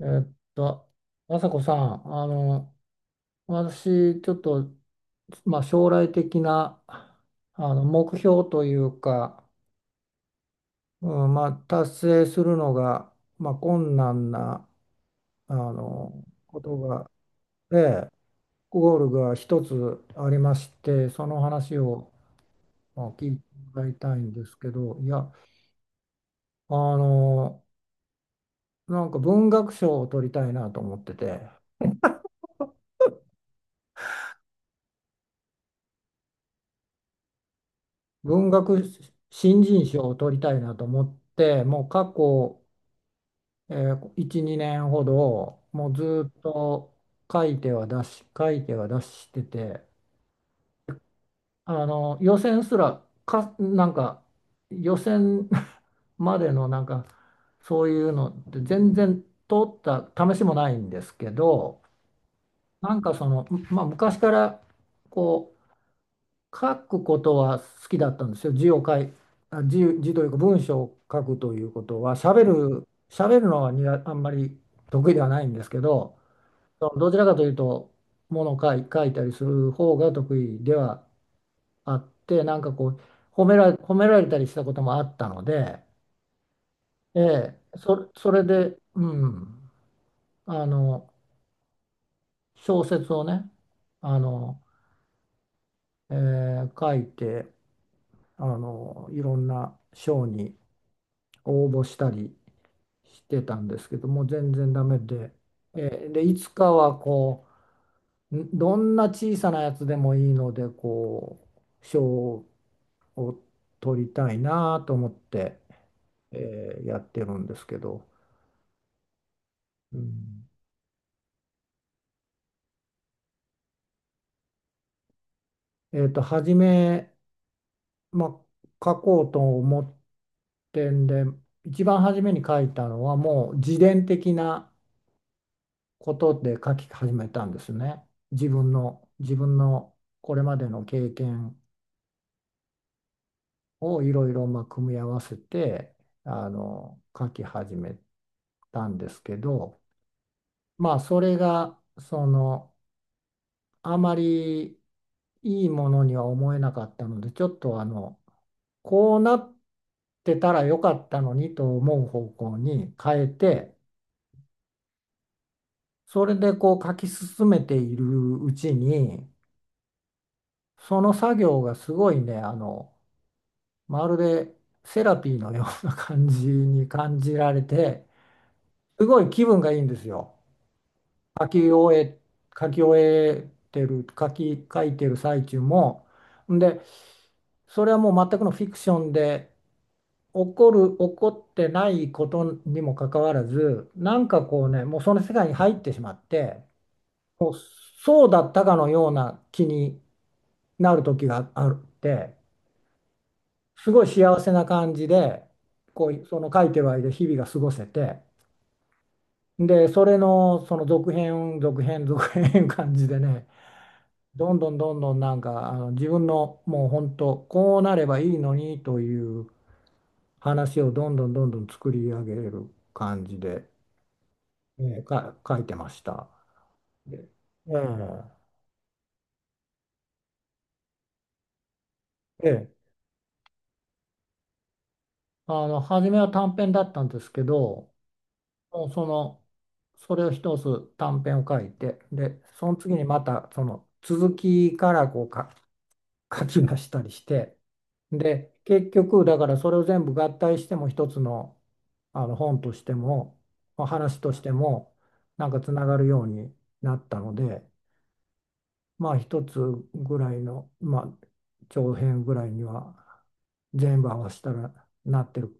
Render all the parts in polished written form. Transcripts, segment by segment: えーっと、朝子さん、私、ちょっと、まあ、将来的な、目標というか、うん、まあ、達成するのが、まあ、困難な、ことが、ええ、ゴールが一つありまして、その話を、まあ、聞いてもらいたいんですけど、いや、の、なんか文学賞を取りたいなと思ってて、文学新人賞を取りたいなと思って、もう過去、1、2年ほど、もうずっと書いては出し、書いては出してて、予選すらか、なんか予選 までのなんかそういうのって全然通った試しもないんですけど、なんかその、まあ、昔からこ書くことは好きだったんですよ。字を書い、あ、字、字というか文章を書くということは、喋るのはあんまり得意ではないんですけど、そのどちらかというと、ものを書いたりする方が得意ではあって、なんかこう、褒められたりしたこともあったので、ええ、それで、うん、あの、小説をね、あの、え書いて、いろんな賞に、応募したりしてたんですけども全然ダメで、えでいつかはどんな小さなやつでもいいので賞を取りたいなと思って、えやってるんですけど、うん初め、まあ、書こうと思ってんで一番初めに書いたのはもう自伝的なことで書き始めたんですね。自分のこれまでの経験をいろいろまあ組み合わせて書き始めたんですけど、まあそれがそのあまりいいものには思えなかったので、ちょっとこうなってたらよかったのにと思う方向に変えて、それでこう書き進めているうちに、その作業がすごいね、まるでセラピーのような感じに感じられて、すごい気分がいいんですよ。書き終え、書き終えてる、書き、書いてる最中も。んで、それはもう全くのフィクションで、起こってないことにもかかわらず、なんかこうね、もうその世界に入ってしまって、そうだったかのような気になる時があって、すごい幸せな感じで、こう、その書いてはいる日々が過ごせて、で、それのその続編感じでね、どんどんどんどんなんか、自分のもう本当、こうなればいいのにという話をどんどんどんどん作り上げる感じで、えーか、書いてました。でええええ初めは短編だったんですけど、もうその、それを一つ短編を書いて、で、その次にまたその続きからこうか書き出したりして、で、結局、だからそれを全部合体しても一つの、本としても、まあ話としても、なんかつながるようになったので、まあ一つぐらいの、まあ長編ぐらいには全部合わせたらなってる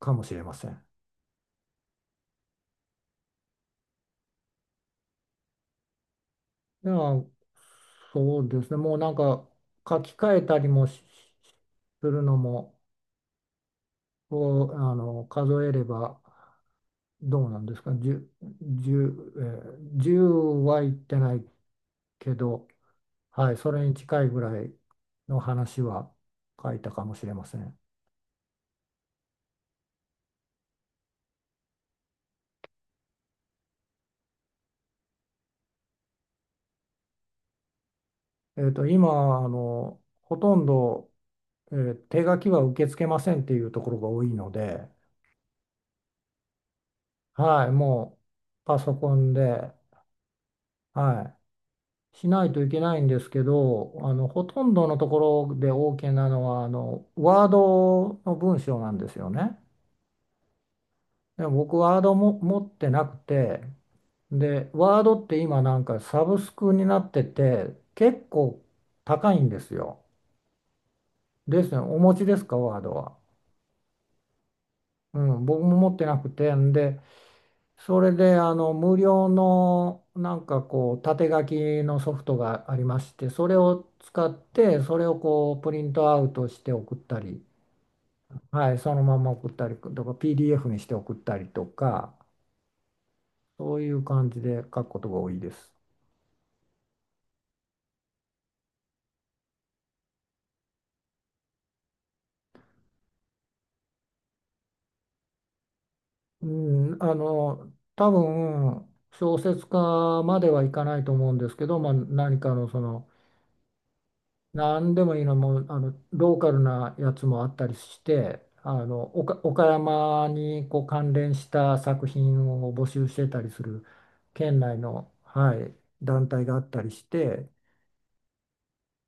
かもしれません。いや、そうですね。もうなんか書き換えたりもしするのも、こう、数えればどうなんですか。十十えー10はいってないけど、はい、それに近いぐらいの話は書いたかもしれません。今、ほとんど、手書きは受け付けませんっていうところが多いので、はい、もうパソコンで、はい。しないといけないんですけど、ほとんどのところで OK なのはワードの文章なんですよね。でも僕ワードも持ってなくて、で、ワードって今なんかサブスクになってて結構高いんですよ。ですね。お持ちですか、ワードは。うん、僕も持ってなくて、んで、それで無料のなんかこう縦書きのソフトがありましてそれを使ってそれをこうプリントアウトして送ったり、はい、そのまま送ったりとか PDF にして送ったりとかそういう感じで書くことが多いです。うん、多分小説家まではいかないと思うんですけど、まあ、何かのその何でもいいの、もうローカルなやつもあったりして、岡山にこう関連した作品を募集してたりする県内の、はい、団体があったりして、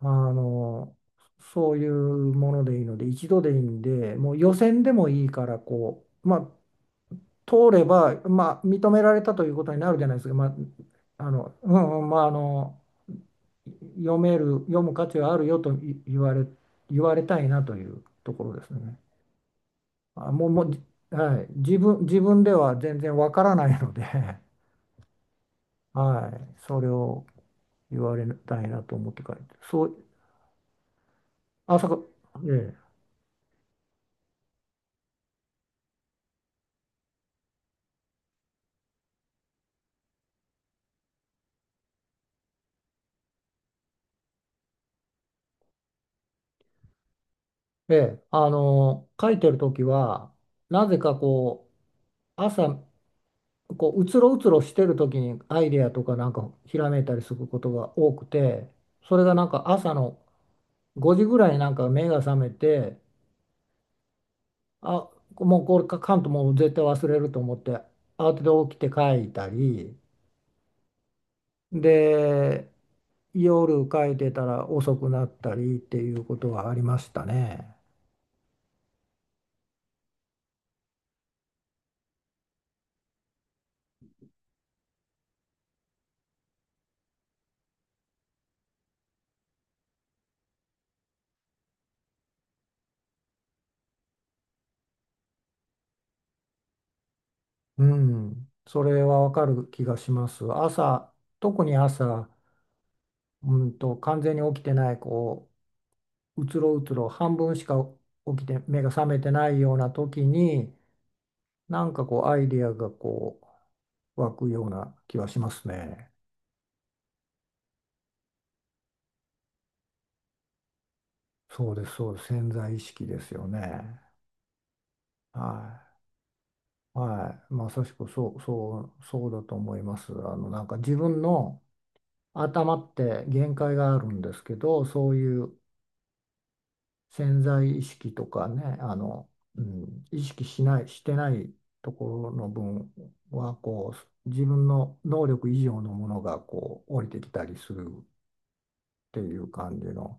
あのそういうものでいいので、一度でいいんで、もう予選でもいいから、こう、まあ、通れば、まあ、認められたということになるじゃないですか、まあ、うんうん、まあ、読める、読む価値はあるよと言われたいなというところですね。あ、もう、はい、自分では全然わからないので、はい、それを言われたいなと思って書いてる、そう、あそこ、ええ、ええ、書いてるときは、なぜかこう、朝、こう、うつろうつろしてるときにアイデアとかなんかひらめいたりすることが多くて、それがなんか朝の5時ぐらいになんか目が覚めて、あ、もうこれ書かんともう絶対忘れると思って慌てて起きて書いたりで夜書いてたら遅くなったりっていうことはありましたね。うん、それはわかる気がします。朝、特に朝、うんと完全に起きてないこううつろうつろ半分しか起きて目が覚めてないような時になんかこうアイディアがこう湧くような気はしますね。そうです、そうです、潜在意識ですよね。はい。はい。まさしくそう、そう、そうだと思います。なんか自分の頭って限界があるんですけど、そういう潜在意識とかね、うん、意識しない、してないところの分は、こう、自分の能力以上のものが、こう、降りてきたりするっていう感じの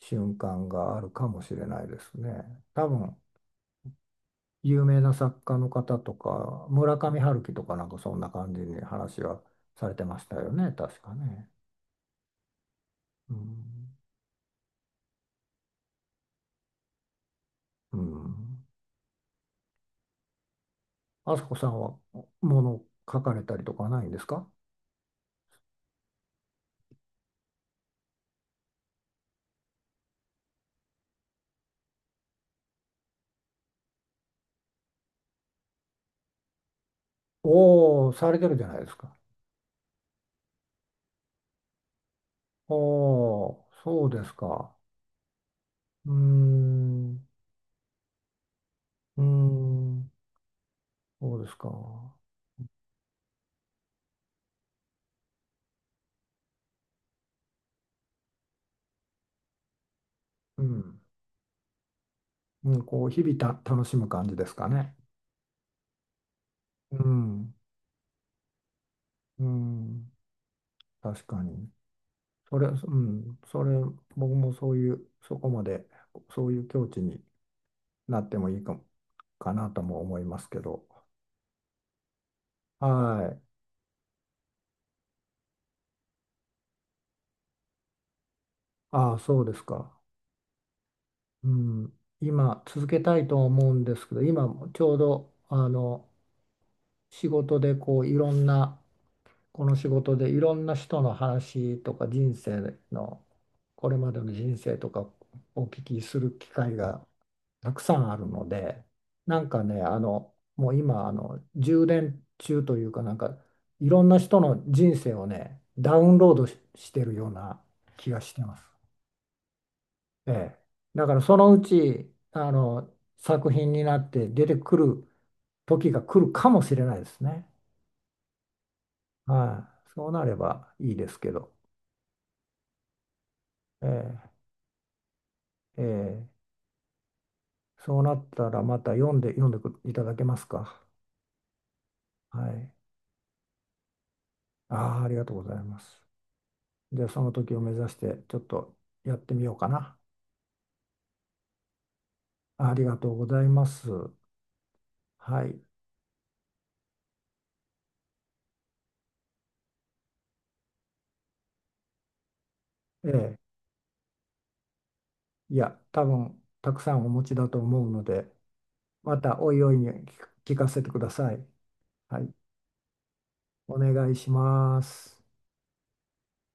瞬間があるかもしれないですね。多分有名な作家の方とか、村上春樹とかなんかそんな感じに話はされてましたよね、確かね。うん。うん。あさこさんはもの書かれたりとかないんですか？おおー、されてるじゃないですか。おお、そうですか。うーん。うーん。そうですか。うん。うん、こう、日々楽しむ感じですかね。うん。うん。確かに。それ、うん、それ、僕もそういう、そこまで、そういう境地になってもいいかも、かなとも思いますけど。はい。ああ、そうですか。うん。今、続けたいとは思うんですけど、今、ちょうど、仕事で、こう、いろんな、この仕事で、いろんな人の話とか、人生の、これまでの人生とか、お聞きする機会がたくさんあるので、なんかね、もう今、充電中というか、なんか、いろんな人の人生をね、ダウンロードし、してるような気がしてます。ええ。だから、そのうち、作品になって出てくる時が来るかもしれないですね。はい。そうなればいいですけど。ええ。ええ。そうなったら、また読んでいただけますか。はい。ああ、ありがとうございます。で、その時を目指してちょっとやってみようかな。ありがとうございます。はい。ええ、いや、多分たくさんお持ちだと思うので、またおいおいに聞かせてください。はい。お願いします。